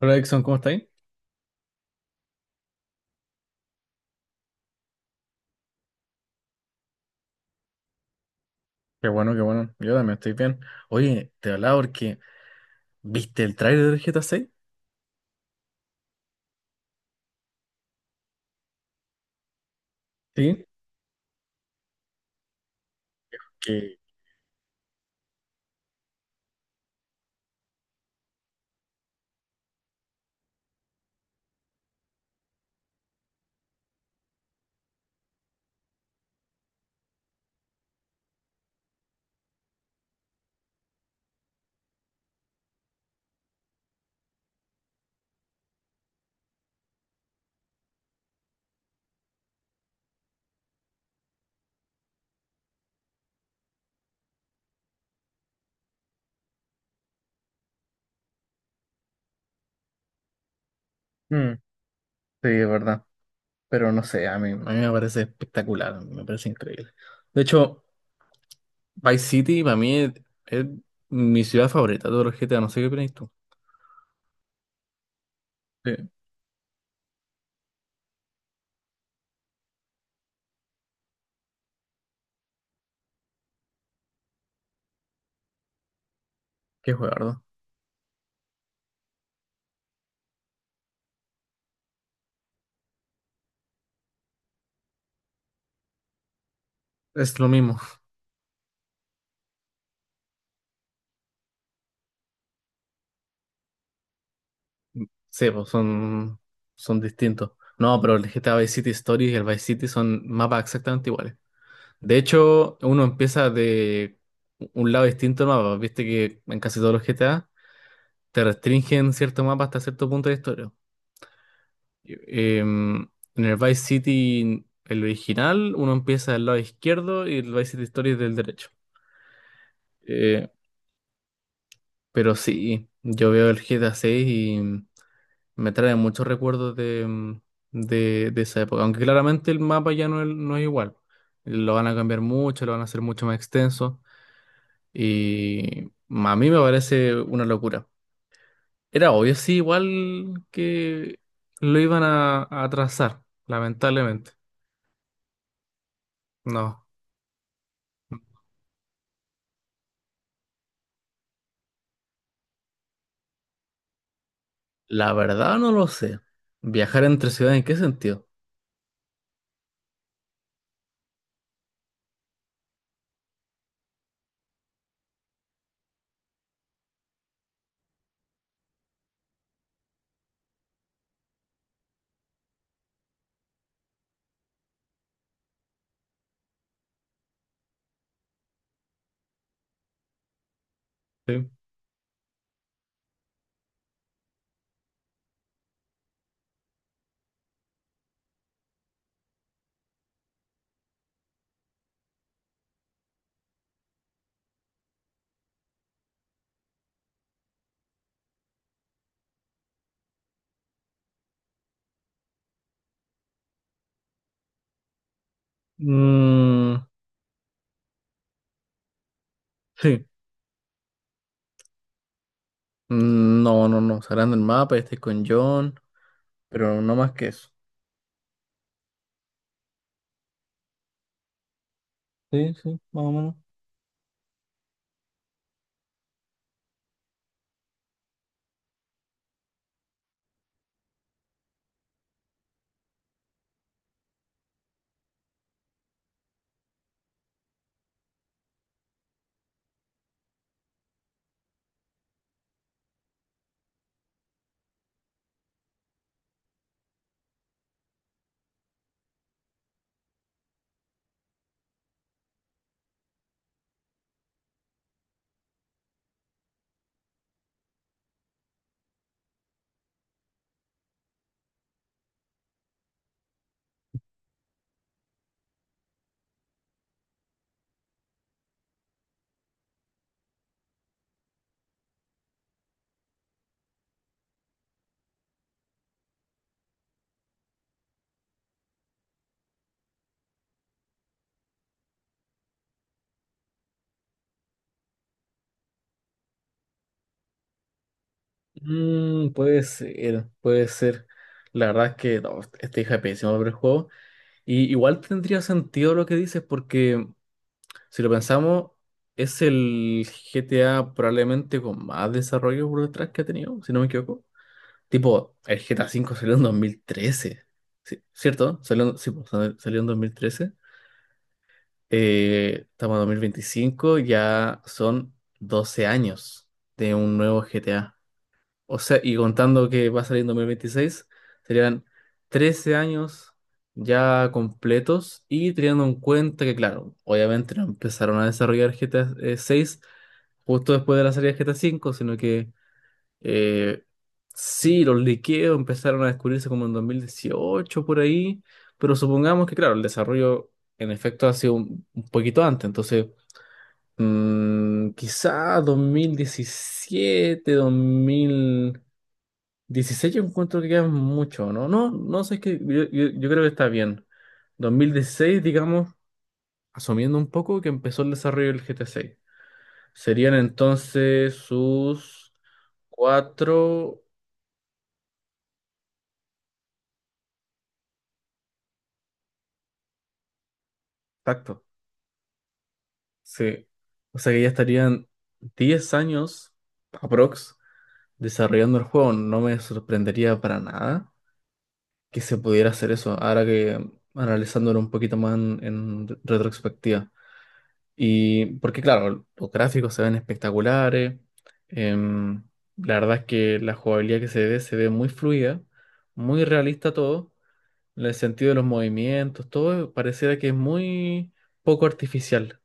Hola Dixon, ¿cómo estáis? Qué bueno, qué bueno. Yo también estoy bien. Oye, te hablaba porque, ¿viste el tráiler del GTA 6? Sí. Que... mm, sí, es verdad. Pero no sé, a mí me parece espectacular, me parece increíble. De hecho, Vice City para mí es mi ciudad favorita de todos los GTA, no sé qué opinas tú. Sí, qué juego. Es lo mismo. Sí, pues son distintos. No, pero el GTA Vice City Stories y el Vice City son mapas exactamente iguales. De hecho, uno empieza de un lado distinto al mapa. Viste que en casi todos los GTA te restringen cierto mapa hasta cierto punto de historia. En el Vice City, el original, uno empieza del lado izquierdo y el Vice City Story es del derecho. Eh, pero sí, yo veo el GTA 6 y me trae muchos recuerdos de esa época. Aunque claramente el mapa ya no es igual. Lo van a cambiar mucho, lo van a hacer mucho más extenso. Y a mí me parece una locura. Era obvio, sí, igual que lo iban a atrasar, lamentablemente. No, la verdad no lo sé. ¿Viajar entre ciudades en qué sentido? Sí. Mm, sí. No, no, no. Sacando el mapa, estoy con John, pero no más que eso. Sí, sí, más o menos. Puede ser, puede ser. La verdad es que no, esta hija es pésima para el juego. Y igual tendría sentido lo que dices, porque, si lo pensamos, es el GTA probablemente con más desarrollo por detrás que ha tenido, si no me equivoco. Tipo, el GTA V salió en 2013. Sí, ¿cierto? Sí, pues, salió en 2013. Estamos en 2025, ya son 12 años de un nuevo GTA. O sea, y contando que va a salir en 2026, serían 13 años ya completos y teniendo en cuenta que, claro, obviamente no empezaron a desarrollar GTA 6 justo después de la salida de GTA 5, sino que eh, sí, los liqueos empezaron a descubrirse como en 2018 por ahí, pero supongamos que, claro, el desarrollo en efecto ha sido un poquito antes, entonces quizá 2017, 2016 yo encuentro que queda mucho, ¿no? No, no sé, es que yo creo que está bien. 2016 digamos, asumiendo un poco que empezó el desarrollo del GT seis. Serían entonces sus cuatro... Tacto. Sí. O sea que ya estarían 10 años, aprox, desarrollando el juego. No me sorprendería para nada que se pudiera hacer eso, ahora que analizándolo un poquito más en retrospectiva. Y porque claro, los gráficos se ven espectaculares. em, la verdad es que la jugabilidad que se ve muy fluida, muy realista todo, en el sentido de los movimientos, todo pareciera que es muy poco artificial.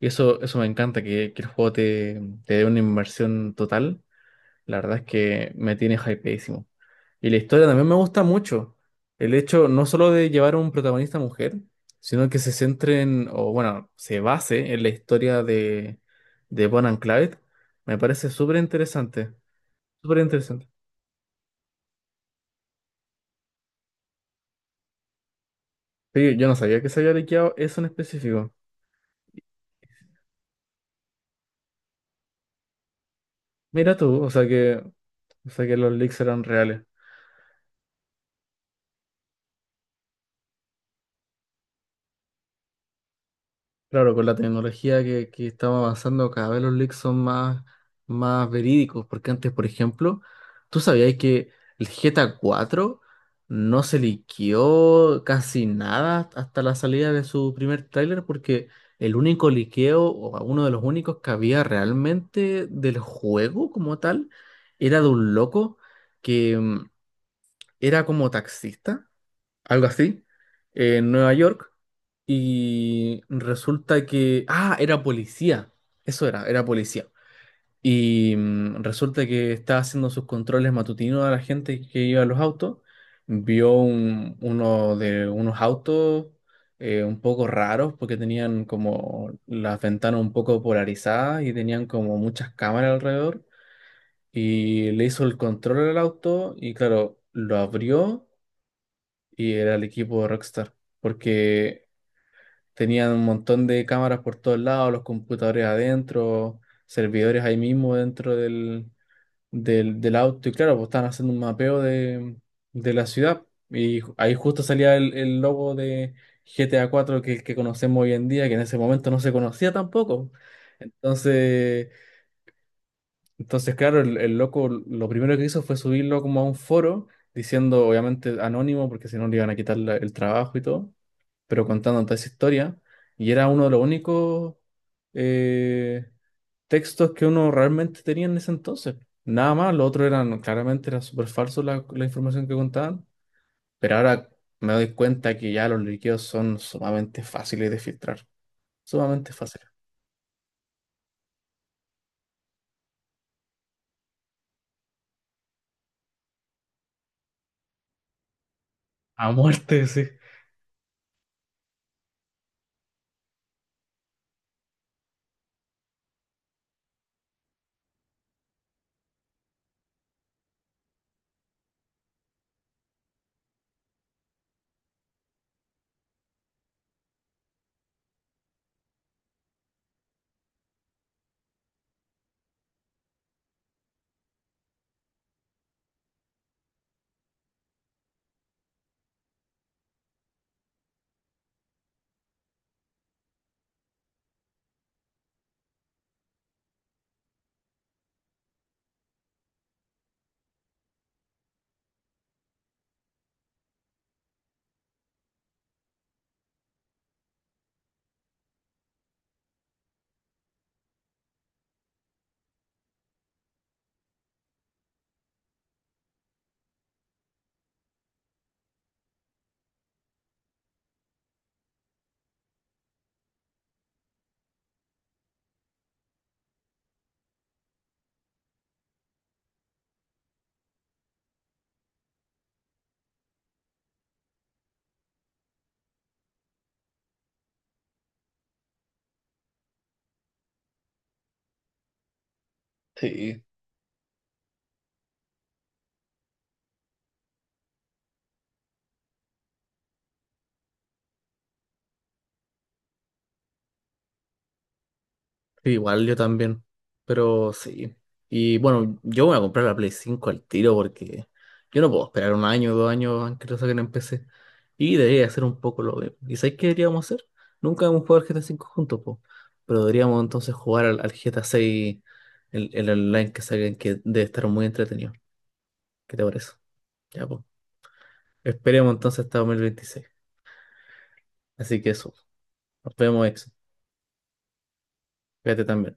Y eso me encanta, que el juego te dé una inmersión total. La verdad es que me tiene hypeísimo. Y la historia también me gusta mucho. El hecho no solo de llevar a un protagonista mujer, sino que se centre en, o bueno, se base en la historia de Bonnie and Clyde. Me parece súper interesante. Súper interesante. Pero yo no sabía que se había liqueado eso en específico. Mira tú, o sea que los leaks eran reales. Claro, con la tecnología que estamos avanzando, cada vez los leaks son más, más verídicos, porque antes, por ejemplo, ¿tú sabías que el GTA 4 no se liqueó casi nada hasta la salida de su primer tráiler? Porque el único liqueo, o uno de los únicos que había realmente del juego como tal, era de un loco que era como taxista, algo así, en Nueva York y resulta que... Ah, era policía. Eso era, policía. Y resulta que estaba haciendo sus controles matutinos a la gente que iba a los autos. Vio uno de unos autos un poco raros porque tenían como las ventanas un poco polarizadas y tenían como muchas cámaras alrededor. Y le hizo el control al auto y claro, lo abrió y era el equipo de Rockstar. Porque tenían un montón de cámaras por todos lados, los computadores adentro, servidores ahí mismo dentro del auto. Y claro, pues estaban haciendo un mapeo de la ciudad. Ahí justo salía el logo de GTA 4 que conocemos hoy en día, que en ese momento no se conocía tampoco. Entonces, entonces, claro, el loco lo primero que hizo fue subirlo como a un foro, diciendo obviamente anónimo, porque si no le iban a quitar el trabajo y todo, pero contando toda esa historia, y era uno de los únicos eh, textos que uno realmente tenía en ese entonces. Nada más, lo otro eran, claramente era súper falso la información que contaban, pero ahora me doy cuenta que ya los líquidos son sumamente fáciles de filtrar, sumamente fáciles. A muerte, sí. Sí. Sí, igual yo también, pero sí. Y bueno, yo voy a comprar la Play 5 al tiro porque yo no puedo esperar un año, 2 años antes que lo saquen en PC. Y debería hacer un poco lo mismo. ¿Y sabes qué deberíamos hacer? Nunca hemos jugado al GTA 5 juntos, po. Pero deberíamos entonces jugar al GTA 6, el online que saquen, que debe estar muy entretenido. ¿Qué te parece? Ya, pues. Esperemos entonces hasta 2026. Así que eso. Nos vemos, Exo. Cuídate también.